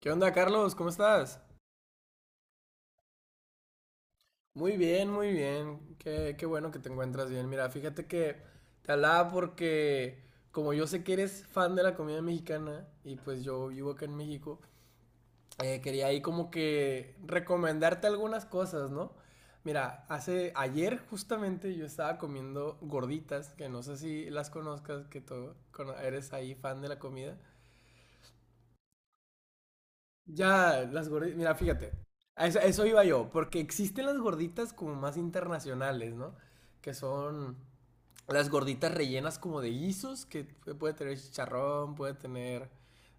¿Qué onda, Carlos? ¿Cómo estás? Muy bien, muy bien. Qué bueno que te encuentras bien. Mira, fíjate que te hablaba porque como yo sé que eres fan de la comida mexicana y pues yo vivo acá en México, quería ahí como que recomendarte algunas cosas, ¿no? Mira, hace ayer justamente yo estaba comiendo gorditas, que no sé si las conozcas, que eres ahí fan de la comida. Ya, las gorditas, mira, fíjate, a eso iba yo, porque existen las gorditas como más internacionales, ¿no? Que son las gorditas rellenas como de guisos, que puede tener chicharrón, puede tener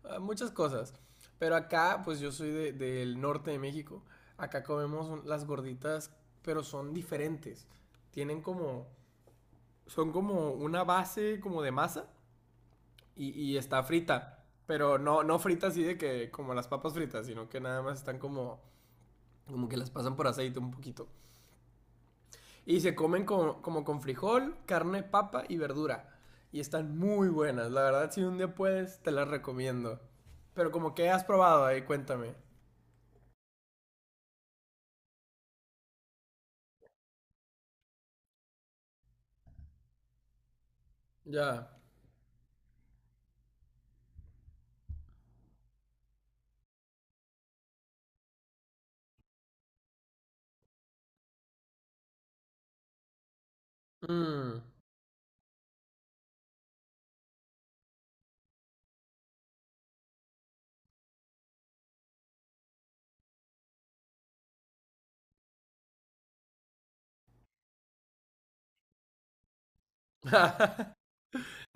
muchas cosas. Pero acá, pues yo soy del norte de México, acá comemos las gorditas, pero son diferentes. Tienen como, son como una base como de masa y, está frita, pero no frita así de que como las papas fritas, sino que nada más están como, como que las pasan por aceite un poquito. Y se comen como con frijol, carne, papa y verdura. Y están muy buenas, la verdad si un día puedes, te las recomiendo. Pero como que has probado ahí, cuéntame. Ya. Mm.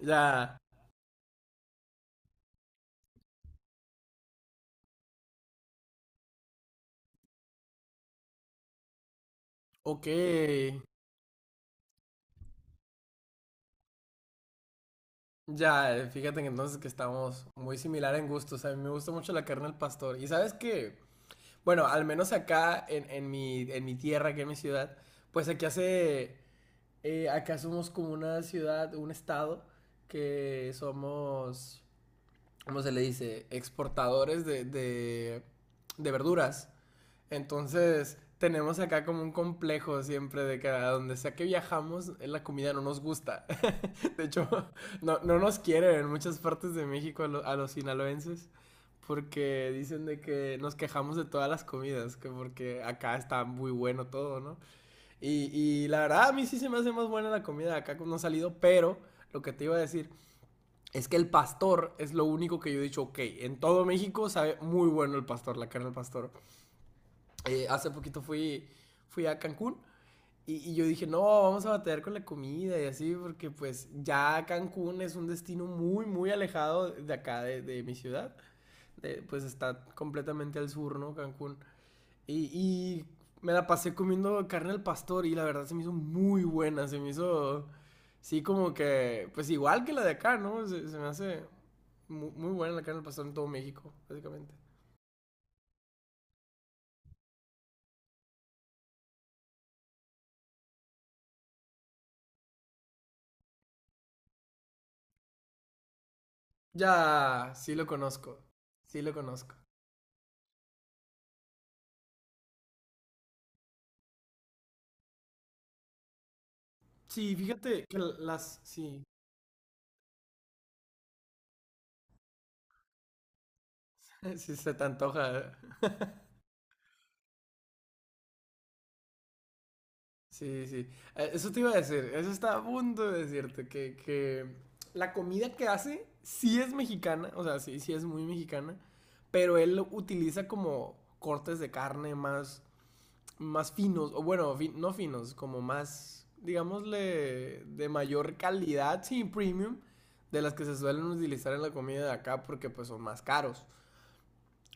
Ya. Ok. Ya, fíjate que entonces que estamos muy similar en gustos. A mí me gusta mucho la carne al pastor. ¿Y sabes qué? Bueno, al menos acá en en mi tierra, que es mi ciudad, pues aquí hace, acá somos como una ciudad, un estado, que somos, ¿cómo se le dice? Exportadores de verduras. Entonces, tenemos acá como un complejo siempre de que a donde sea que viajamos, la comida no nos gusta. De hecho, no, no nos quieren en muchas partes de México a los sinaloenses porque dicen de que nos quejamos de todas las comidas, que porque acá está muy bueno todo, ¿no? Y, la verdad a mí sí se me hace más buena la comida de acá cuando ha salido, pero lo que te iba a decir es que el pastor es lo único que yo he dicho, ok, en todo México sabe muy bueno el pastor, la carne del pastor. Hace poquito fui, fui a Cancún y, yo dije, no, vamos a batallar con la comida y así, porque pues ya Cancún es un destino muy, muy alejado de acá, de mi ciudad. Pues está completamente al sur, ¿no? Cancún. Y, y me la pasé comiendo carne al pastor y la verdad se me hizo muy buena, se me hizo, sí, como que, pues igual que la de acá, ¿no? Se me hace muy, buena la carne al pastor en todo México, básicamente. Ya, sí lo conozco, sí lo conozco. Sí, fíjate que las, sí. Sí, se te antoja. Sí, sí. Eso te iba a decir, eso estaba a punto de decirte, que la comida que hace sí es mexicana, o sea, sí, sí es muy mexicana, pero él lo utiliza como cortes de carne más, más finos, o bueno, no finos, como más, digámosle, de mayor calidad, sí, premium, de las que se suelen utilizar en la comida de acá porque pues son más caros.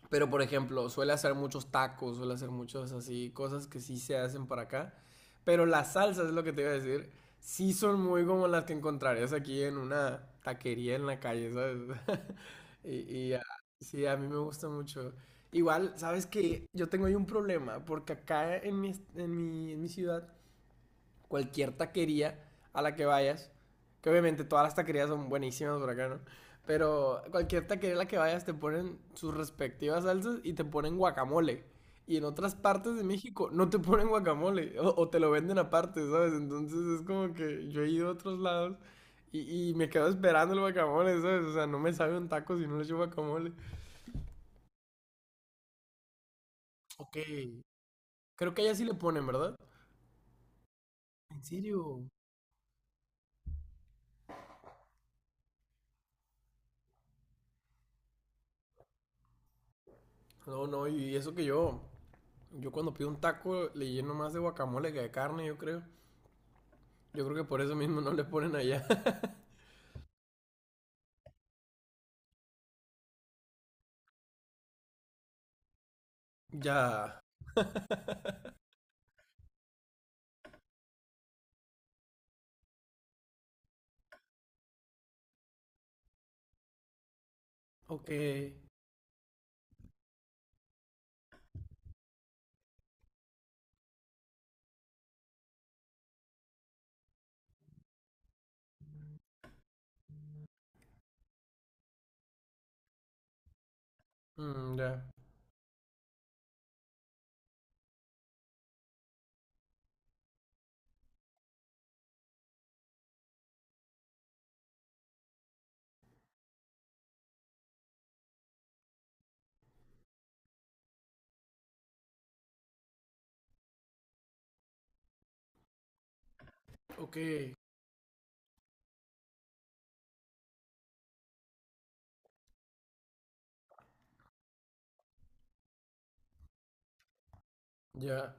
Pero, por ejemplo, suele hacer muchos tacos, suele hacer muchas así, cosas que sí se hacen para acá. Pero las salsas, es lo que te iba a decir, sí son muy como las que encontrarías aquí en una taquería en la calle, ¿sabes? Y, sí, a mí me gusta mucho. Igual, ¿sabes qué? Yo tengo ahí un problema, porque acá en en mi ciudad cualquier taquería a la que vayas, que obviamente todas las taquerías son buenísimas por acá, ¿no? Pero cualquier taquería a la que vayas te ponen sus respectivas salsas y te ponen guacamole. Y en otras partes de México no te ponen guacamole o te lo venden aparte, ¿sabes? Entonces es como que yo he ido a otros lados y, me quedo esperando el guacamole, ¿sabes? O sea, no me sabe un taco si no le echo guacamole. Ok, creo que allá sí le ponen, ¿verdad? ¿En serio? No, no, y eso que yo. Yo cuando pido un taco le lleno más de guacamole que de carne, yo creo. Yo creo que por eso mismo no le ponen allá. Ya. Ok. Mm, ya. Ok. Ya.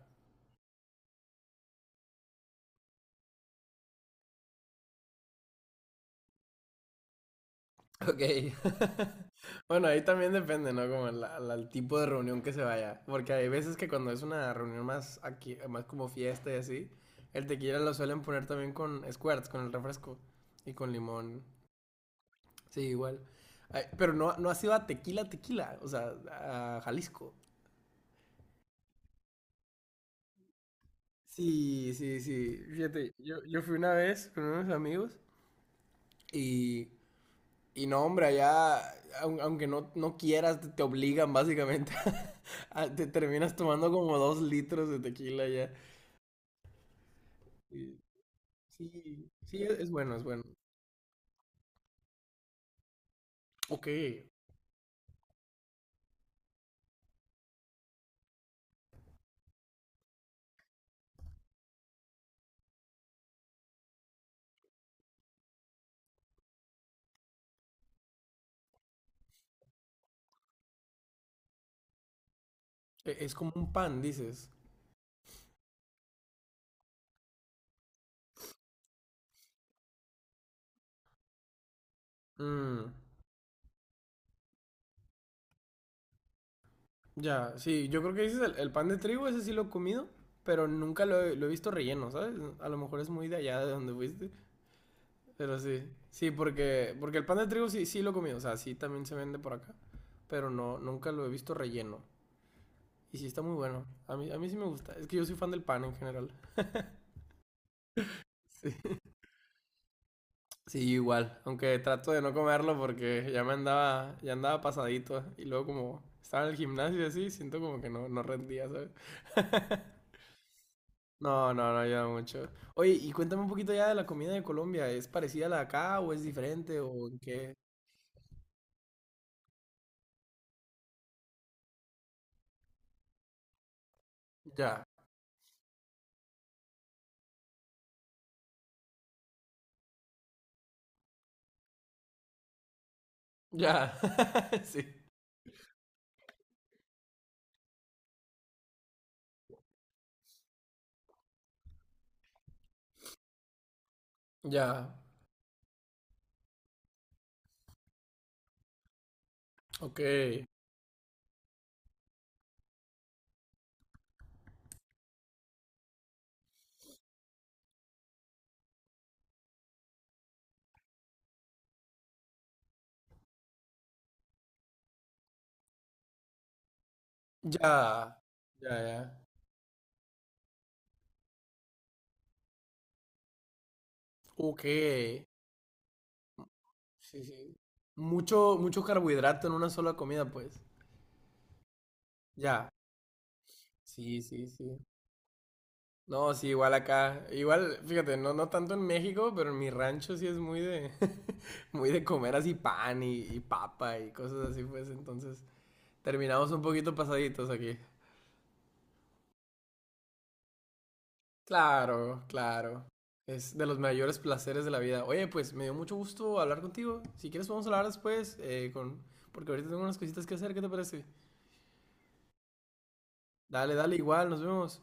Ok. Bueno, ahí también depende, ¿no? Como el tipo de reunión que se vaya. Porque hay veces que cuando es una reunión más aquí, más como fiesta y así, el tequila lo suelen poner también con squirts, con el refresco. Y con limón. Sí, igual. Ay, pero no, no ha sido a tequila, tequila. O sea, a Jalisco. Sí, sí, sí. Fíjate, yo, fui una vez con unos amigos y, no, hombre, allá, aunque no, no quieras, te, obligan básicamente. Te terminas tomando como 2 litros de tequila ya. Y sí, sí, es bueno, es bueno. Ok, es como un pan, dices. Mm, ya, sí, yo creo que dices el pan de trigo, ese sí lo he comido, pero nunca lo he visto relleno, ¿sabes? A lo mejor es muy de allá de donde fuiste. Pero sí, sí, porque, porque el pan de trigo sí, sí lo he comido o sea, sí también se vende por acá, pero no, nunca lo he visto relleno. Y sí está muy bueno, a mí sí me gusta, es que yo soy fan del pan en general. Sí, sí, yo igual, aunque trato de no comerlo porque ya me andaba, ya andaba pasadito y luego como estaba en el gimnasio y así, siento como que no, no rendía, ¿sabes? No, no, no ayuda mucho. Oye, y cuéntame un poquito ya de la comida de Colombia, ¿es parecida a la de acá o es diferente o en qué? Ya, ya. Sí. Ya, ok, ya, ya, ya. Ok, sí, sí. Mucho, mucho carbohidrato en una sola comida, pues. Ya, sí, sí, sí. No, sí, igual acá. Igual, fíjate, no, no tanto en México, pero en mi rancho sí es muy de, muy de comer así pan y, papa y cosas así, pues. Entonces, terminamos un poquito pasaditos aquí. Claro, claro. Es de los mayores placeres de la vida. Oye, pues me dio mucho gusto hablar contigo. Si quieres podemos hablar después, con... porque ahorita tengo unas cositas que hacer, ¿qué te parece? Dale, dale, igual, nos vemos.